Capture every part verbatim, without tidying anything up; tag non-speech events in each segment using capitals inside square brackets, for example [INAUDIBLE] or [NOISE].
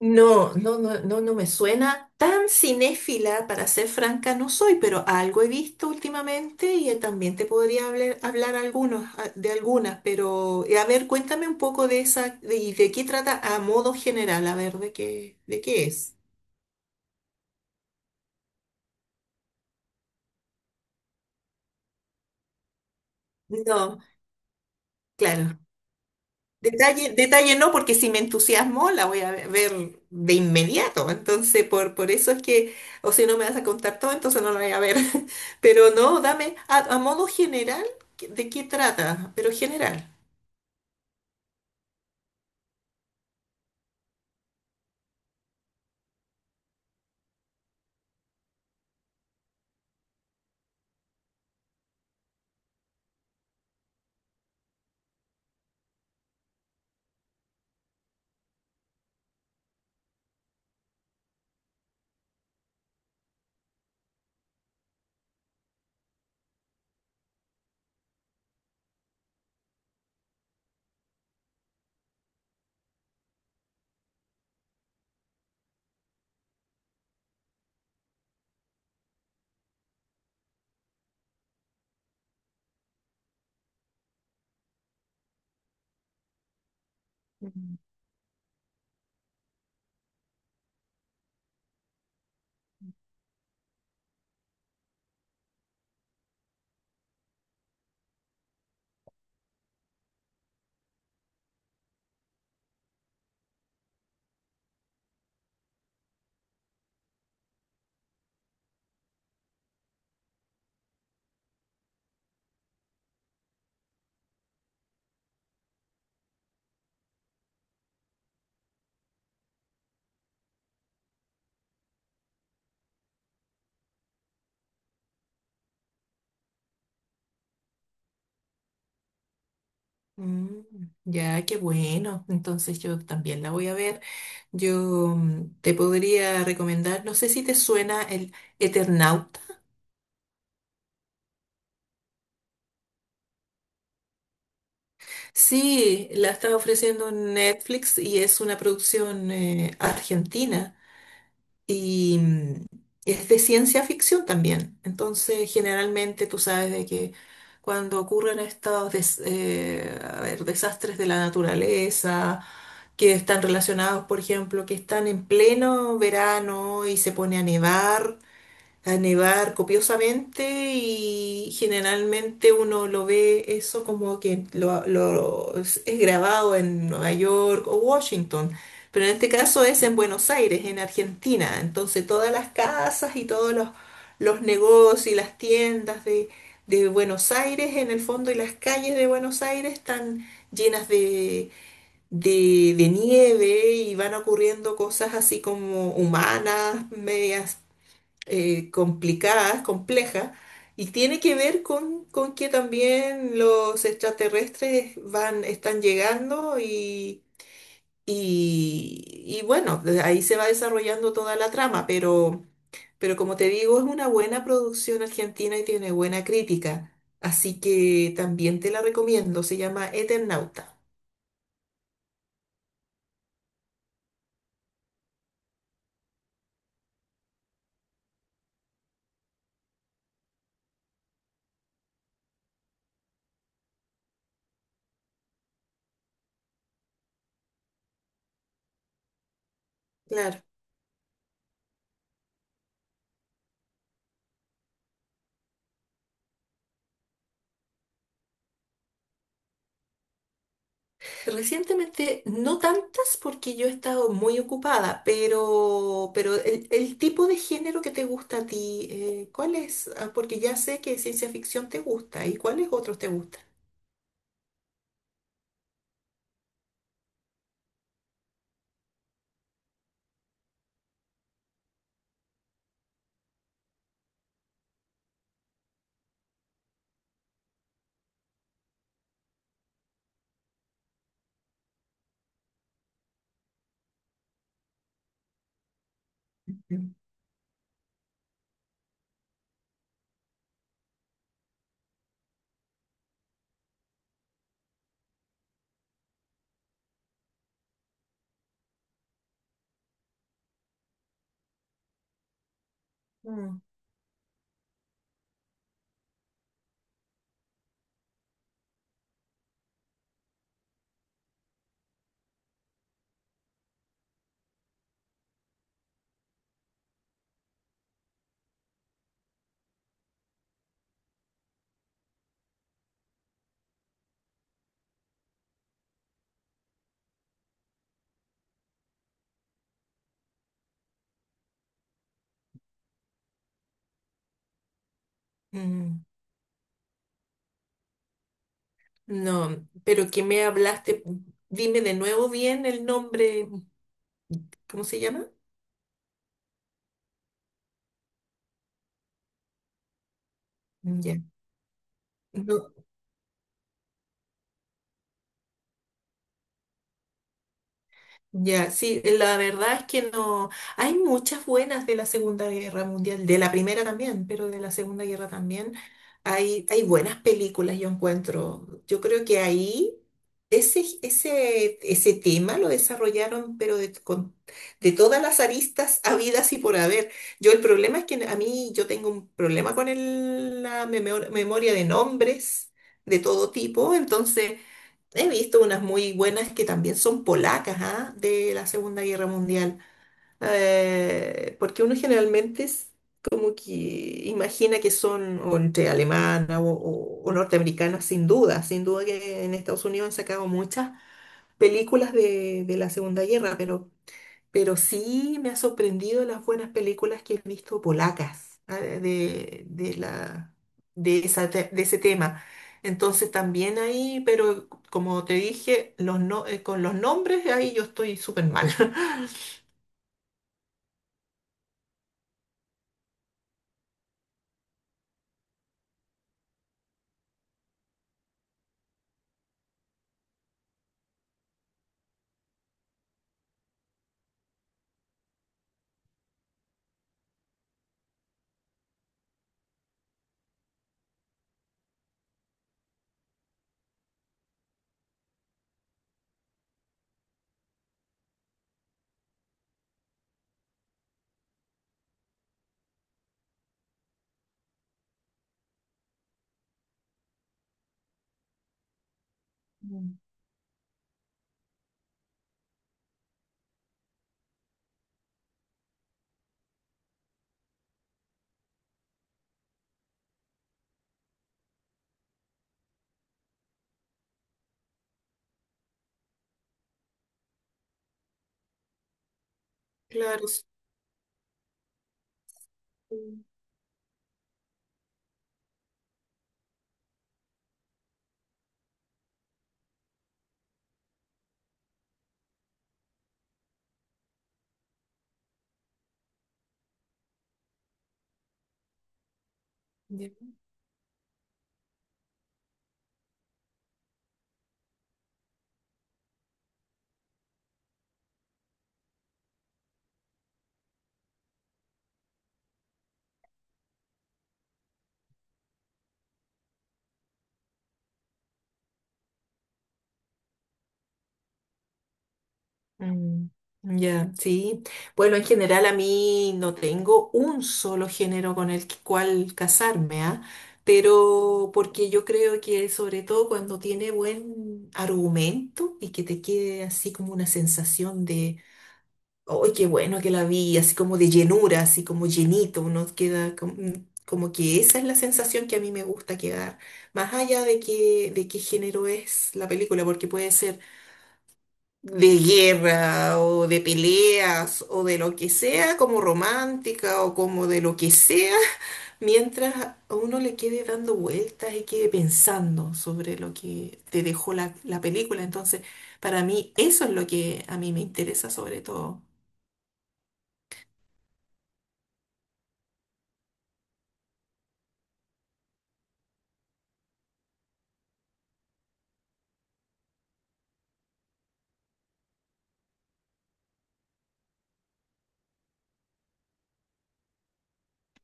No, no, no, no, no me suena tan cinéfila, para ser franca, no soy, pero algo he visto últimamente y eh, también te podría hablar, hablar algunos, a- de algunas, pero eh, a ver, cuéntame un poco de esa, de, y de qué trata a modo general, a ver, de qué, de qué es. No, claro. Detalle, detalle no, porque si me entusiasmo la voy a ver de inmediato. Entonces, por, por eso es que, o si no me vas a contar todo, entonces no la voy a ver. [LAUGHS] Pero no, dame, a, a modo general, ¿qué- ¿de qué trata? Pero general. Mm, ya, qué bueno. Entonces yo también la voy a ver. Yo mm, te podría recomendar, no sé si te suena el Eternauta. Sí, la está ofreciendo Netflix y es una producción eh, argentina. Y mm, es de ciencia ficción también. Entonces, generalmente tú sabes de que cuando ocurren estos des- eh, a ver, desastres de la naturaleza, que están relacionados, por ejemplo, que están en pleno verano y se pone a nevar a nevar copiosamente y generalmente uno lo ve eso como que lo, lo- es es grabado en Nueva York o Washington, pero en este caso es en Buenos Aires, en Argentina. Entonces todas las casas y todos los, los negocios y las tiendas de, de Buenos Aires en el fondo y las calles de Buenos Aires están llenas de... de, de nieve y van ocurriendo cosas así como humanas, medias eh, complicadas, complejas, y tiene que ver con, con que también los extraterrestres van, están llegando y, y, y bueno, de ahí se va desarrollando toda la trama, pero, pero como te digo, es una buena producción argentina y tiene buena crítica, así que también te la recomiendo, se llama Eternauta. Claro. Recientemente, no tantas porque yo he estado muy ocupada, pero, pero el, el tipo de género que te gusta a ti, eh, ¿cuál es? Ah, porque ya sé que ciencia ficción te gusta, ¿y cuáles otros te gustan? Mm. Mm. No, pero que me hablaste, dime de nuevo bien el nombre, ¿cómo se llama? Ya. No, ya, sí, la verdad es que no. Hay muchas buenas de la Segunda Guerra Mundial, de la primera también, pero de la Segunda Guerra también. Hay, hay buenas películas, yo encuentro. Yo creo que ahí ese, ese, ese tema lo desarrollaron, pero de, con, de todas las aristas habidas y por haber. Yo el problema es que a mí yo tengo un problema con el- la memor- memoria de nombres de todo tipo, entonces. He visto unas muy buenas que también son polacas, ¿ah? De la Segunda Guerra Mundial. Eh, porque uno generalmente es como que imagina que son o entre alemana o, o- o norteamericana, sin duda. Sin duda que en Estados Unidos han sacado muchas películas de, de la Segunda Guerra, pero pero sí me ha sorprendido las buenas películas que he visto polacas ah, de, de la, de, esa te- de ese tema. Entonces también ahí, pero como te dije, los no- eh, con los nombres ahí yo estoy súper mal. [LAUGHS] Mm. Claro. Sí. Mm, ya, sí. Bueno, en general a mí no tengo un solo género con el que- cual casarme, ¿ah? Pero porque yo creo que sobre todo cuando tiene buen argumento y que te quede así como una sensación de, ¡ay, qué bueno que la vi! Así como de llenura, así como llenito, uno queda com- mm, como, que esa es la sensación que a mí me gusta quedar, más allá de que, de qué género es la película, porque puede ser de guerra o de peleas o de lo que sea, como romántica o como de lo que sea, [LAUGHS] mientras a uno le quede dando vueltas y quede pensando sobre lo que te dejó la, la película. Entonces, para mí, eso es lo que a mí me interesa sobre todo.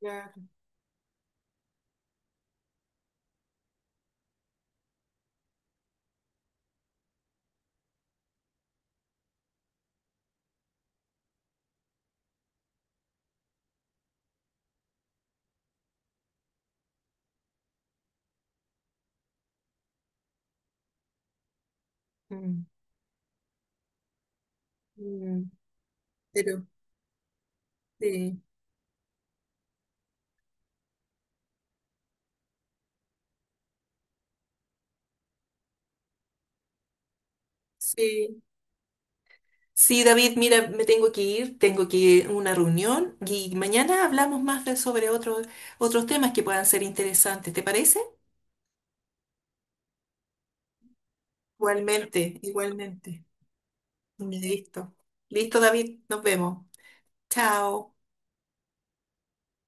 Claro. Mm, mm, pero sí, sí. Sí, David, mira, me tengo que ir, tengo que ir a una reunión y mañana hablamos más de- sobre otros otros temas que puedan ser interesantes, ¿te parece? Igualmente, igualmente. Listo. Listo, David, nos vemos. Chao.